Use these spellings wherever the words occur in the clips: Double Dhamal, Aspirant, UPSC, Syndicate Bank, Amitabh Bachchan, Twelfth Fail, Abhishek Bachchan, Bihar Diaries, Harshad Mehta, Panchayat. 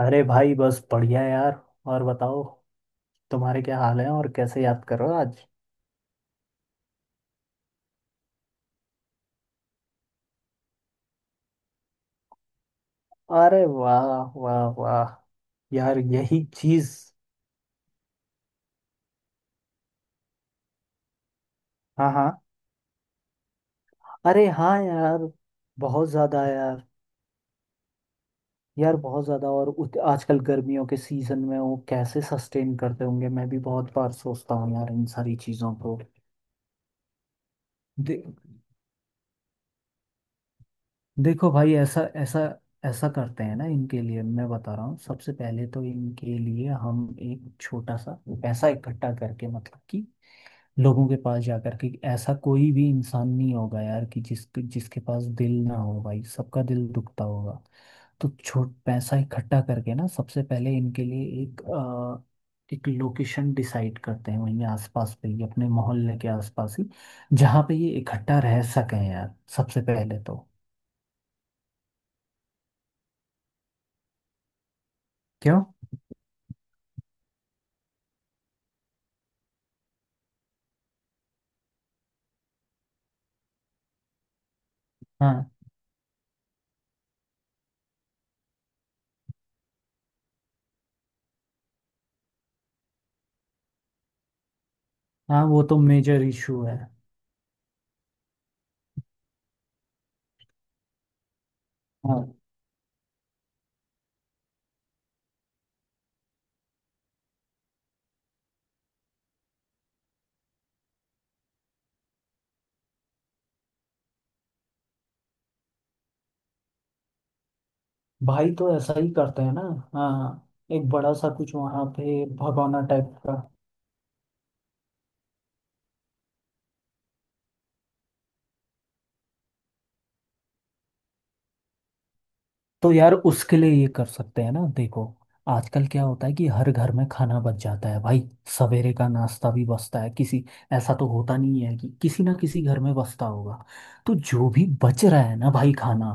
अरे भाई बस बढ़िया यार। और बताओ, तुम्हारे क्या हाल है और कैसे याद कर रहे हो आज। अरे वाह, वाह वाह यार, यही चीज। हाँ हाँ, अरे हाँ यार, बहुत ज्यादा यार। यार बहुत ज्यादा और आजकल गर्मियों के सीजन में वो कैसे सस्टेन करते होंगे, मैं भी बहुत बार सोचता हूँ यार इन सारी चीजों को। दे, देखो भाई, ऐसा ऐसा ऐसा करते हैं ना, इनके लिए मैं बता रहा हूँ। सबसे पहले तो इनके लिए हम एक छोटा सा पैसा इकट्ठा करके मतलब कि लोगों के पास जाकर के, ऐसा कोई भी इंसान नहीं होगा यार कि जिसके पास दिल ना हो, भाई सबका दिल दुखता होगा। तो छोट पैसा इकट्ठा करके ना सबसे पहले इनके लिए एक लोकेशन डिसाइड करते हैं, वहीं आसपास पे ही, अपने मोहल्ले के आसपास ही, जहाँ पे ये इकट्ठा रह सकें यार सबसे पहले तो। क्यों? हाँ हाँ, वो तो मेजर इशू है। हाँ, भाई तो ऐसा ही करते हैं ना। हाँ, एक बड़ा सा कुछ वहाँ पे भगोना टाइप का। तो यार उसके लिए ये कर सकते हैं ना, देखो, आजकल क्या होता है कि हर घर में खाना बच जाता है भाई। सवेरे का नाश्ता भी बचता है किसी। ऐसा तो होता नहीं है कि किसी ना किसी घर में बचता होगा। तो जो भी बच रहा है ना भाई खाना,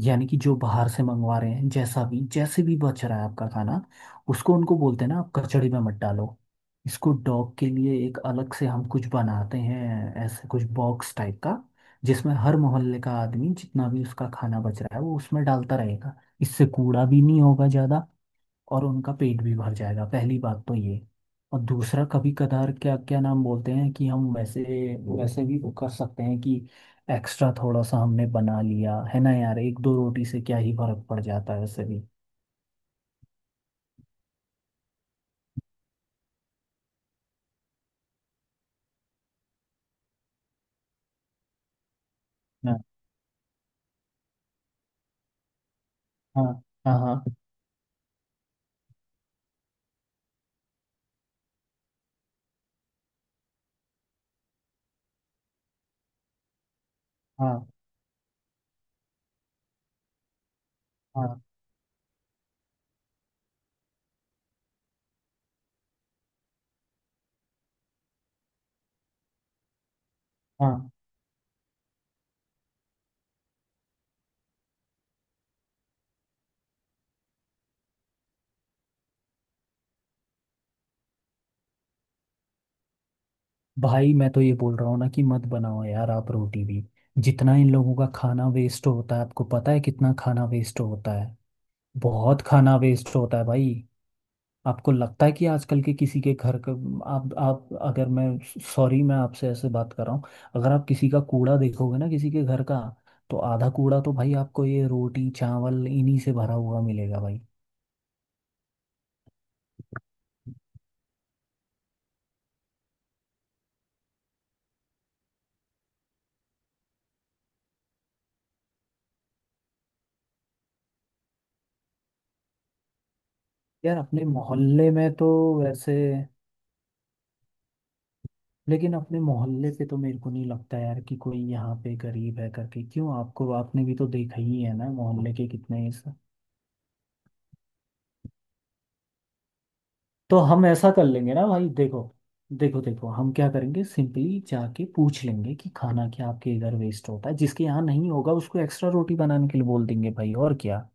यानी कि जो बाहर से मंगवा रहे हैं, जैसा भी जैसे भी बच रहा है आपका खाना, उसको उनको बोलते हैं ना, आप कचड़ी में मत डालो। इसको डॉग के लिए एक अलग से हम कुछ बनाते हैं, ऐसे कुछ बॉक्स टाइप का, जिसमें हर मोहल्ले का आदमी जितना भी उसका खाना बच रहा है वो उसमें डालता रहेगा। इससे कूड़ा भी नहीं होगा ज्यादा, और उनका पेट भी भर जाएगा, पहली बात तो ये। और दूसरा, कभी कदार क्या क्या नाम बोलते हैं कि हम वैसे, वैसे भी वो कर सकते हैं कि एक्स्ट्रा थोड़ा सा हमने बना लिया है ना यार, एक दो रोटी से क्या ही फर्क पड़ जाता है वैसे भी। हाँ हाँ हाँ, हाँ हाँ हाँ हाँ। भाई मैं तो ये बोल रहा हूँ ना कि मत बनाओ यार आप रोटी भी। जितना इन लोगों का खाना वेस्ट होता है, आपको पता है कितना खाना वेस्ट होता है। बहुत खाना वेस्ट होता है भाई। आपको लगता है कि आजकल के किसी के घर का, आप अगर मैं, सॉरी मैं आपसे ऐसे बात कर रहा हूँ, अगर आप किसी का कूड़ा देखोगे ना किसी के घर का, तो आधा कूड़ा तो भाई आपको ये रोटी चावल इन्हीं से भरा हुआ मिलेगा भाई। यार अपने मोहल्ले में तो वैसे, लेकिन अपने मोहल्ले पे तो मेरे को नहीं लगता यार कि कोई यहाँ पे गरीब है करके। क्यों आपको, आपने भी तो देखा ही है ना मोहल्ले के कितने इस। तो हम ऐसा कर लेंगे ना भाई, देखो, देखो हम क्या करेंगे, सिंपली जाके पूछ लेंगे कि खाना क्या आपके इधर वेस्ट होता है, जिसके यहाँ नहीं होगा उसको एक्स्ट्रा रोटी बनाने के लिए बोल देंगे भाई, और क्या।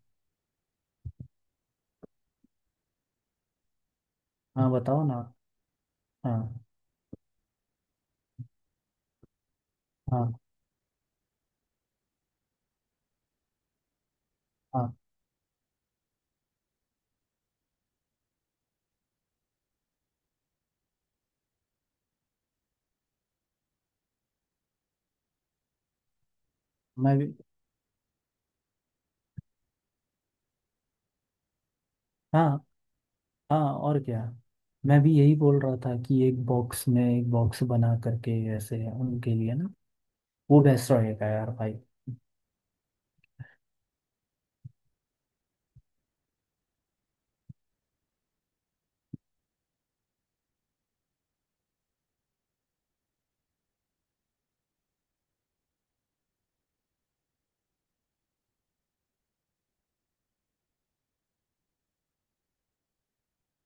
हाँ बताओ ना। हाँ हाँ हाँ। मैं भी, हाँ हाँ, और क्या। मैं भी यही बोल रहा था कि एक बॉक्स में, एक बॉक्स बना करके ऐसे उनके लिए ना, वो बेस्ट रहेगा यार भाई।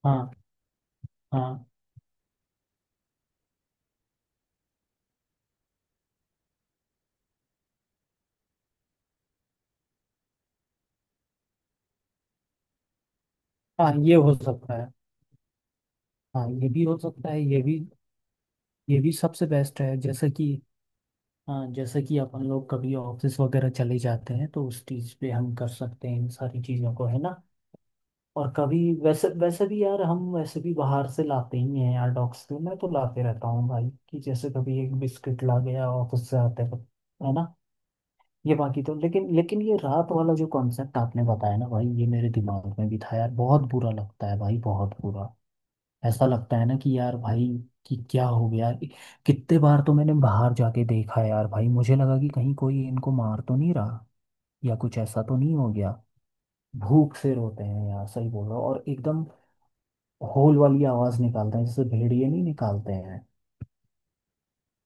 हाँ, हाँ हाँ, ये हो सकता है। हाँ ये भी हो सकता है, ये भी। ये भी सबसे बेस्ट है, जैसे कि, हाँ जैसे कि अपन लोग कभी ऑफिस वगैरह चले जाते हैं तो उस चीज़ पे हम कर सकते हैं इन सारी चीज़ों को, है ना। और कभी, वैसे वैसे भी यार, हम वैसे भी बाहर से लाते ही हैं यार डॉग्स के, मैं तो लाते रहता हूँ भाई, कि जैसे कभी एक बिस्किट ला गया ऑफिस से आते वक्त, है ना। ये बाकी तो, लेकिन लेकिन ये रात वाला जो कॉन्सेप्ट आपने बताया ना भाई, ये मेरे दिमाग में भी था यार। बहुत बुरा लगता है भाई, बहुत बुरा। ऐसा लगता है ना कि यार भाई, कि क्या हो गया कि- कितने बार तो मैंने बाहर जाके देखा यार भाई, मुझे लगा कि कहीं कोई इनको मार तो नहीं रहा, या कुछ ऐसा तो नहीं हो गया। भूख से रोते हैं यार, सही बोल रहा हूँ, और एकदम होल वाली आवाज निकालते हैं, जैसे भेड़िए नहीं निकालते हैं,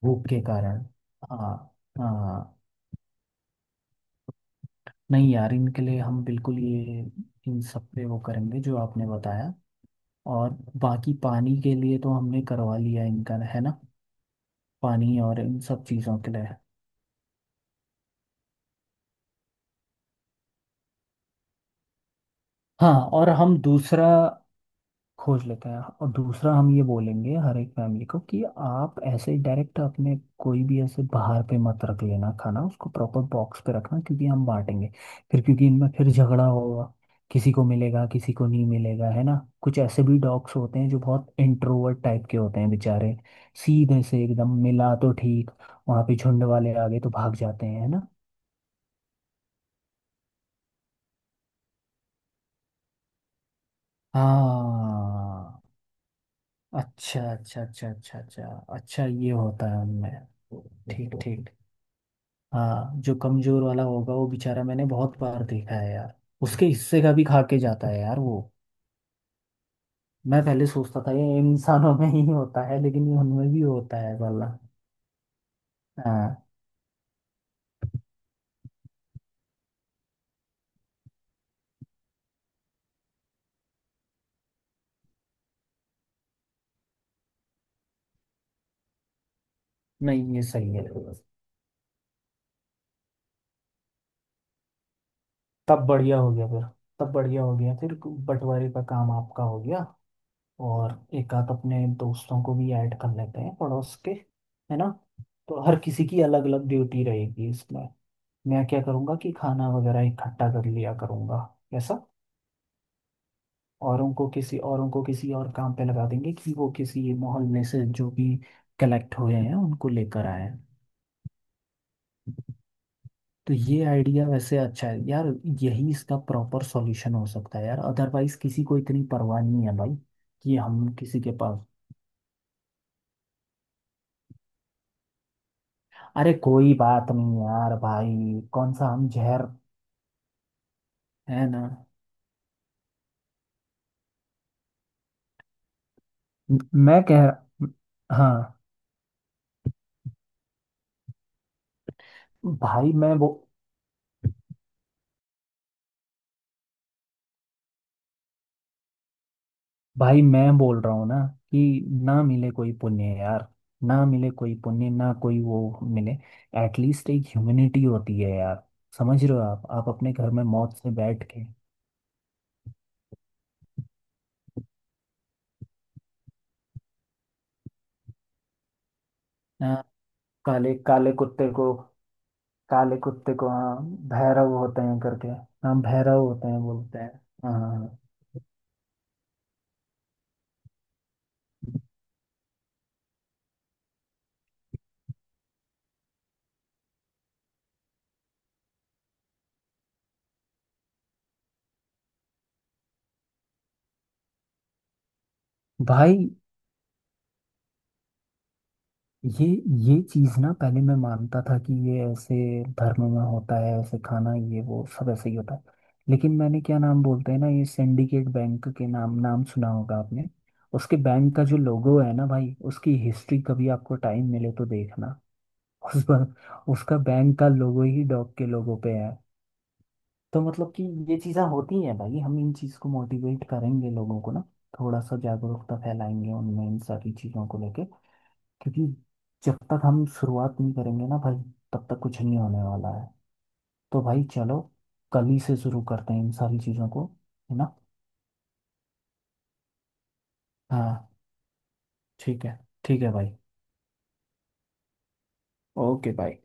भूख के कारण। हाँ हाँ। नहीं यार, इनके लिए हम बिल्कुल ये, इन सब पे वो करेंगे जो आपने बताया। और बाकी पानी के लिए तो हमने करवा लिया इनका, है ना, पानी और इन सब चीज़ों के लिए। हाँ, और हम दूसरा, खोज लेते हैं, और दूसरा हम ये बोलेंगे हर एक फैमिली को कि आप ऐसे ही डायरेक्ट अपने, कोई भी ऐसे बाहर पे मत रख लेना खाना, उसको प्रॉपर बॉक्स पे रखना, क्योंकि हम बांटेंगे फिर, क्योंकि इनमें फिर झगड़ा होगा, किसी को मिलेगा किसी को नहीं मिलेगा, है ना। कुछ ऐसे भी डॉग्स होते हैं जो बहुत इंट्रोवर्ट टाइप के होते हैं बेचारे, सीधे से एकदम मिला तो ठीक, वहां पे झुंड वाले आ गए तो भाग जाते हैं, है ना। हाँ, अच्छा अच्छा अच्छा अच्छा अच्छा, अच्छा ये होता है उनमें। ठीक ठीक। हाँ, जो कमजोर वाला होगा वो बेचारा, मैंने बहुत बार देखा है यार, उसके हिस्से का भी खा के जाता है यार वो। मैं पहले सोचता था ये इंसानों में ही होता है, लेकिन ये उनमें भी होता है वाला। हाँ। नहीं ये सही है, तब बढ़िया हो गया फिर, तब बढ़िया हो गया फिर, बंटवारे का काम आपका हो गया। और एक आध अपने दोस्तों को भी ऐड कर लेते हैं पड़ोस के, है ना। तो हर किसी की अलग अलग ड्यूटी रहेगी इसमें, मैं क्या करूँगा कि खाना वगैरह इकट्ठा कर लिया करूँगा। कैसा? औरों को किसी और काम पे लगा देंगे कि वो किसी मोहल्ले से जो भी कलेक्ट हुए हैं उनको लेकर आए। तो ये आइडिया वैसे अच्छा है यार, यही इसका प्रॉपर सॉल्यूशन हो सकता है यार, अदरवाइज किसी को इतनी परवाह नहीं है भाई कि हम किसी के पास। अरे कोई बात नहीं यार भाई, कौन सा हम जहर, है ना। म- मैं कह रहा, हाँ, भाई मैं वो भाई मैं बोल रहा हूँ ना कि ना मिले कोई पुण्य यार, ना मिले कोई पुण्य, ना कोई वो मिले। एटलीस्ट एक ह्यूमिनिटी होती है यार, समझ रहे हो, आप अपने घर में मौत से बैठ के। हाँ, काले काले कुत्ते को, काले कुत्ते को, हाँ भैरव होते हैं करके, हाँ भैरव होते हैं बोलते हैं, हाँ। भाई ये ये चीज़ ना पहले मैं मानता था कि ये ऐसे धर्म में होता है, ऐसे खाना ये वो सब ऐसे ही होता है। लेकिन मैंने, क्या नाम बोलते हैं ना, ये सिंडिकेट बैंक के नाम नाम सुना होगा आपने। उसके बैंक का जो लोगो है ना भाई, उसकी हिस्ट्री कभी आपको टाइम मिले तो देखना, उस पर। उसका बैंक का लोगो ही डॉग के लोगो पे है। तो मतलब कि ये चीज़ें होती हैं भाई, हम इन चीज़ को मोटिवेट करेंगे लोगों को ना, थोड़ा सा जागरूकता फैलाएंगे उनमें इन सारी चीज़ों को लेके। क्योंकि जब तक हम शुरुआत नहीं करेंगे ना भाई, तब तक कुछ नहीं होने वाला है। तो भाई चलो, कल ही से शुरू करते हैं इन सारी चीज़ों को, है ना। हाँ ठीक है, ठीक है भाई, ओके भाई।